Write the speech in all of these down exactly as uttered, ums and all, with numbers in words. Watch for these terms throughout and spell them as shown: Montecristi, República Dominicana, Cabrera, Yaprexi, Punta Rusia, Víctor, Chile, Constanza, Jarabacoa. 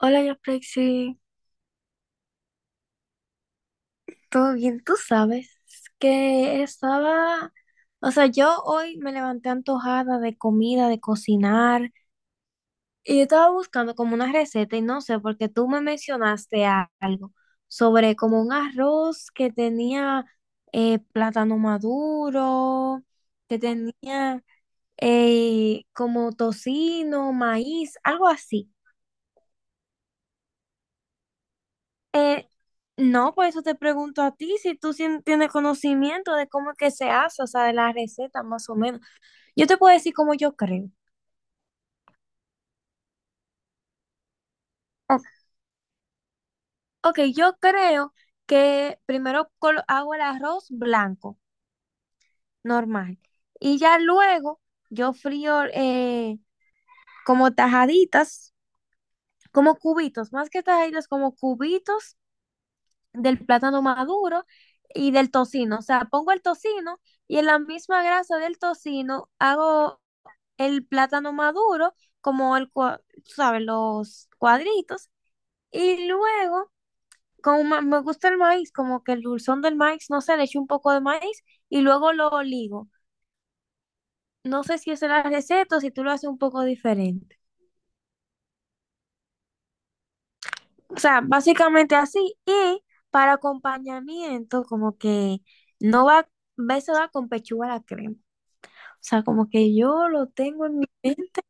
Hola, Yaprexi, ¿todo bien? Tú sabes que estaba, o sea, yo hoy me levanté antojada de comida, de cocinar, y yo estaba buscando como una receta y no sé, porque tú me mencionaste a- algo sobre como un arroz que tenía eh, plátano maduro, que tenía eh, como tocino, maíz, algo así. Eh, no, por eso te pregunto a ti si tú sien- tienes conocimiento de cómo es que se hace, o sea, de la receta más o menos. Yo te puedo decir cómo yo creo. Ok, ok, yo creo que primero colo- hago el arroz blanco, normal, y ya luego yo frío eh, como tajaditas, como cubitos, más que tajaditas, como cubitos del plátano maduro y del tocino. O sea, pongo el tocino y en la misma grasa del tocino hago el plátano maduro, como el, cua- ¿sabes? Los cuadritos. Y luego, como ma- me gusta el maíz, como que el dulzón del maíz, no sé, le echo un poco de maíz y luego lo ligo. No sé si esa es la receta o si tú lo haces un poco diferente. O sea, básicamente así. Y para acompañamiento, como que no va, eso va con pechuga a la crema. O sea, como que yo lo tengo en mi mente.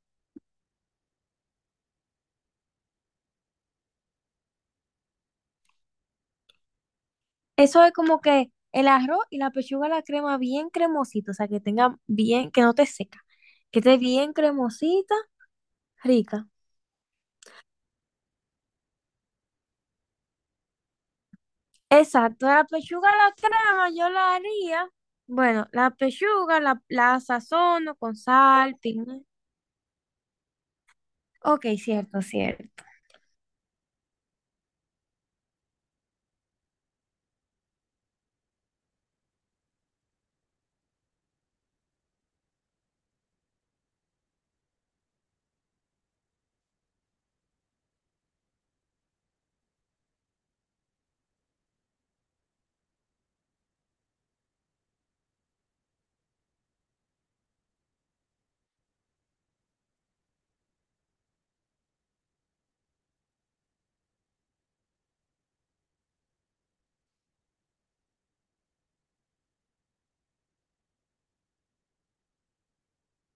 Eso es como que el arroz y la pechuga, la crema bien cremosita, o sea, que tenga bien, que no te seca, que esté bien cremosita, rica. Exacto, la pechuga, la crema, yo la haría. Bueno, la pechuga la, la sazono con sal, pimienta. Ok, cierto, cierto.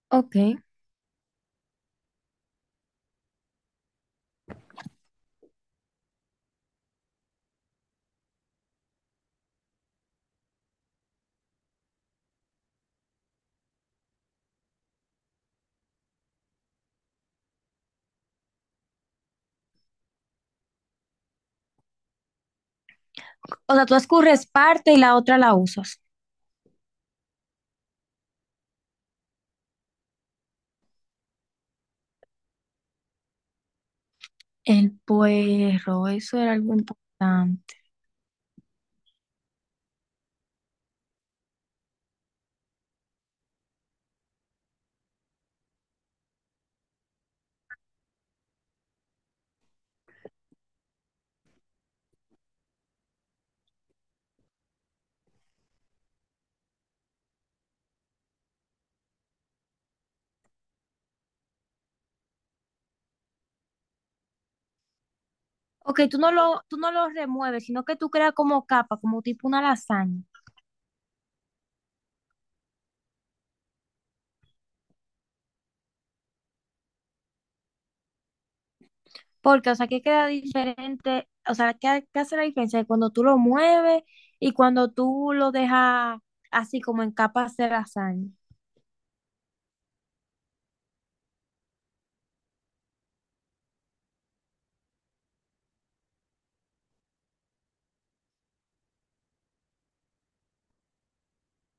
Ok. O sea, tú escurres parte y la otra la usas. El puerro, eso era algo importante. Ok, tú no lo, tú no lo remueves, sino que tú creas como capa, como tipo una lasaña. Porque, o sea, que queda diferente, o sea, ¿qué, qué hace la diferencia cuando tú lo mueves y cuando tú lo dejas así como en capas de lasaña?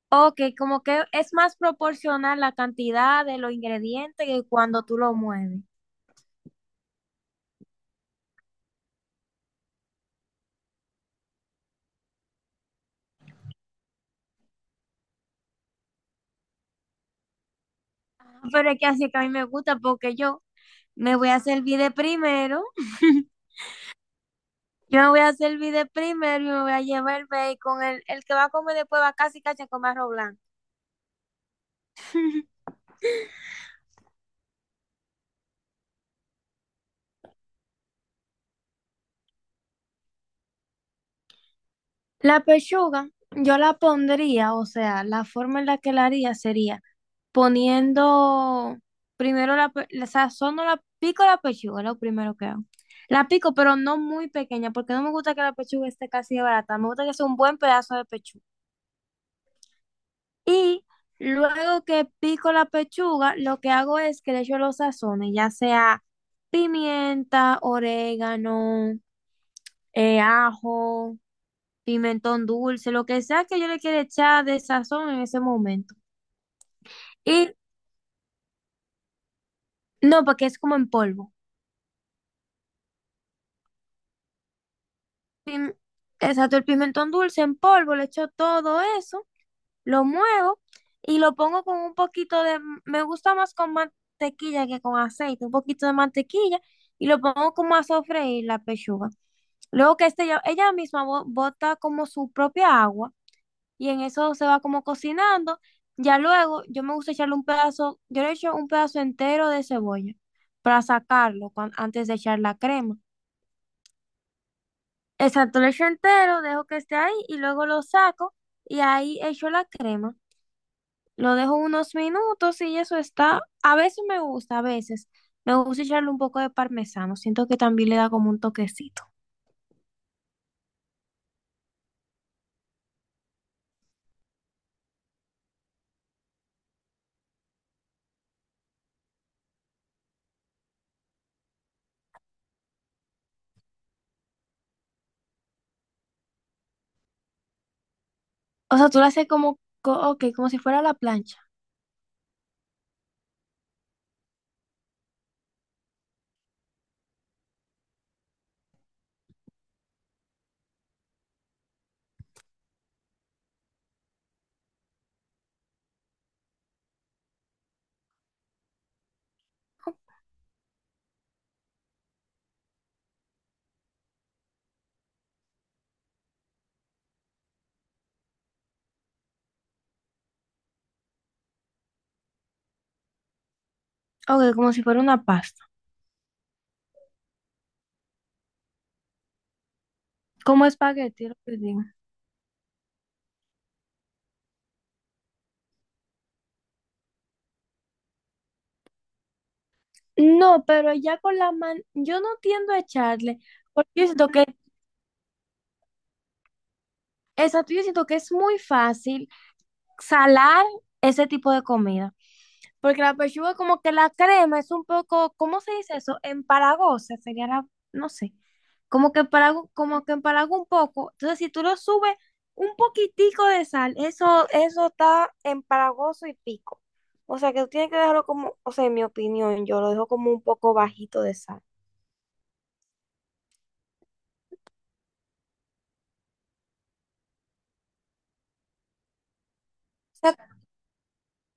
Ok, como que es más proporcional la cantidad de los ingredientes que cuando tú lo mueves. Pero es que así que a mí me gusta porque yo me voy a servir de primero, yo me voy a servir de primero y me voy a llevar el bacon, el, el que va a comer después va casi casi a comer arroz blanco. La pechuga, yo la pondría, o sea, la forma en la que la haría sería poniendo primero la, pe- la sazono la pico la pechuga, lo primero que hago. La pico, pero no muy pequeña, porque no me gusta que la pechuga esté casi de barata, me gusta que sea un buen pedazo de pechuga. Y luego que pico la pechuga, lo que hago es que le echo los sazones, ya sea pimienta, orégano, eh, ajo. Pimentón dulce, lo que sea que yo le quiera echar de sazón en ese momento. Y no, porque es como en polvo. Pim- Exacto, el pimentón dulce en polvo, le echo todo eso, lo muevo y lo pongo con un poquito de, me gusta más con mantequilla que con aceite, un poquito de mantequilla y lo pongo como a sofreír la pechuga. Luego que este, ya- ella misma bo- bota como su propia agua y en eso se va como cocinando. Ya luego yo me gusta echarle un pedazo, yo le echo un pedazo entero de cebolla para sacarlo cuan- antes de echar la crema. Exacto, lo echo entero, dejo que esté ahí y luego lo saco y ahí echo la crema. Lo dejo unos minutos y eso está. A veces me gusta, a veces me gusta echarle un poco de parmesano. Siento que también le da como un toquecito. O sea, tú lo haces como, co- ok, como si fuera la plancha. Ok, como si fuera una pasta. Como espagueti, lo que digo. No, pero ya con la mano, yo no tiendo a echarle, porque yo siento que, exacto, yo siento que es muy fácil salar ese tipo de comida, porque la pechuga como que la crema es un poco, ¿cómo se dice eso? Empalagosa, sería la, no sé, como que empalaga, como que empalaga un poco, entonces si tú lo subes un poquitico de sal, eso, eso está empalagoso y pico, o sea que tú tienes que dejarlo como, o sea, en mi opinión, yo lo dejo como un poco bajito de sal. O sea,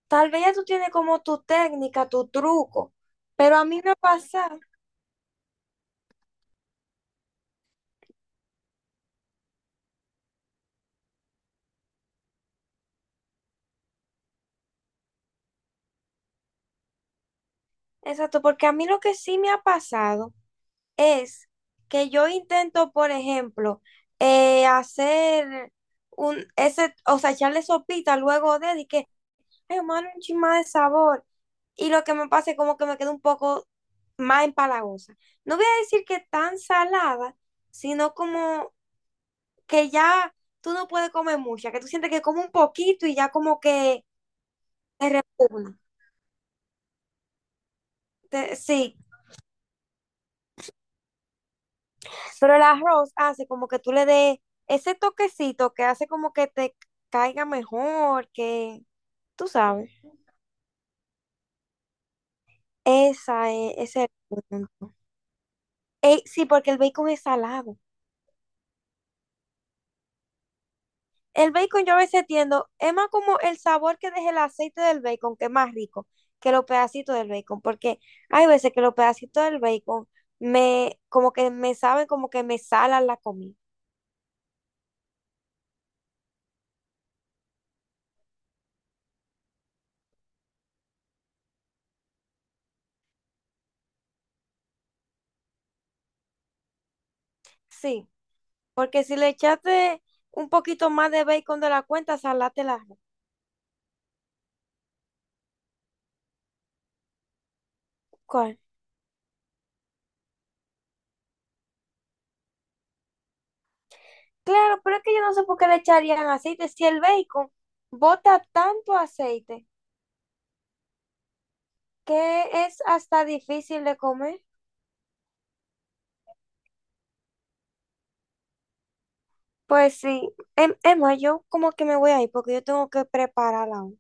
tal vez ya tú tienes como tu técnica, tu truco, pero a mí me ha pasado, exacto, porque a mí lo que sí me ha pasado es que yo intento, por ejemplo, eh, hacer un, ese, o sea, echarle sopita luego de, y que, ay, hermano, un chin más de sabor. Y lo que me pasa es como que me queda un poco más empalagosa. No voy a decir que tan salada, sino como que ya tú no puedes comer mucha, que tú sientes que comes un poquito y ya como que te repugna. Te- sí, pero el arroz hace como que tú le des ese toquecito que hace como que te caiga mejor, que tú sabes. Esa es, ese es el punto. Ey, sí, porque el bacon es salado. El bacon yo a veces tiendo, es más como el sabor que deja el aceite del bacon, que es más rico que los pedacitos del bacon, porque hay veces que los pedacitos del bacon me, como que me saben, como que me salan la comida. Sí, porque si le echaste un poquito más de bacon de la cuenta, salate la ¿Cuál? Claro, pero es que yo no sé por qué le echarían aceite si el bacon bota tanto aceite que es hasta difícil de comer. Pues sí, Em- Emma, yo como que me voy a ir porque yo tengo que preparar la U.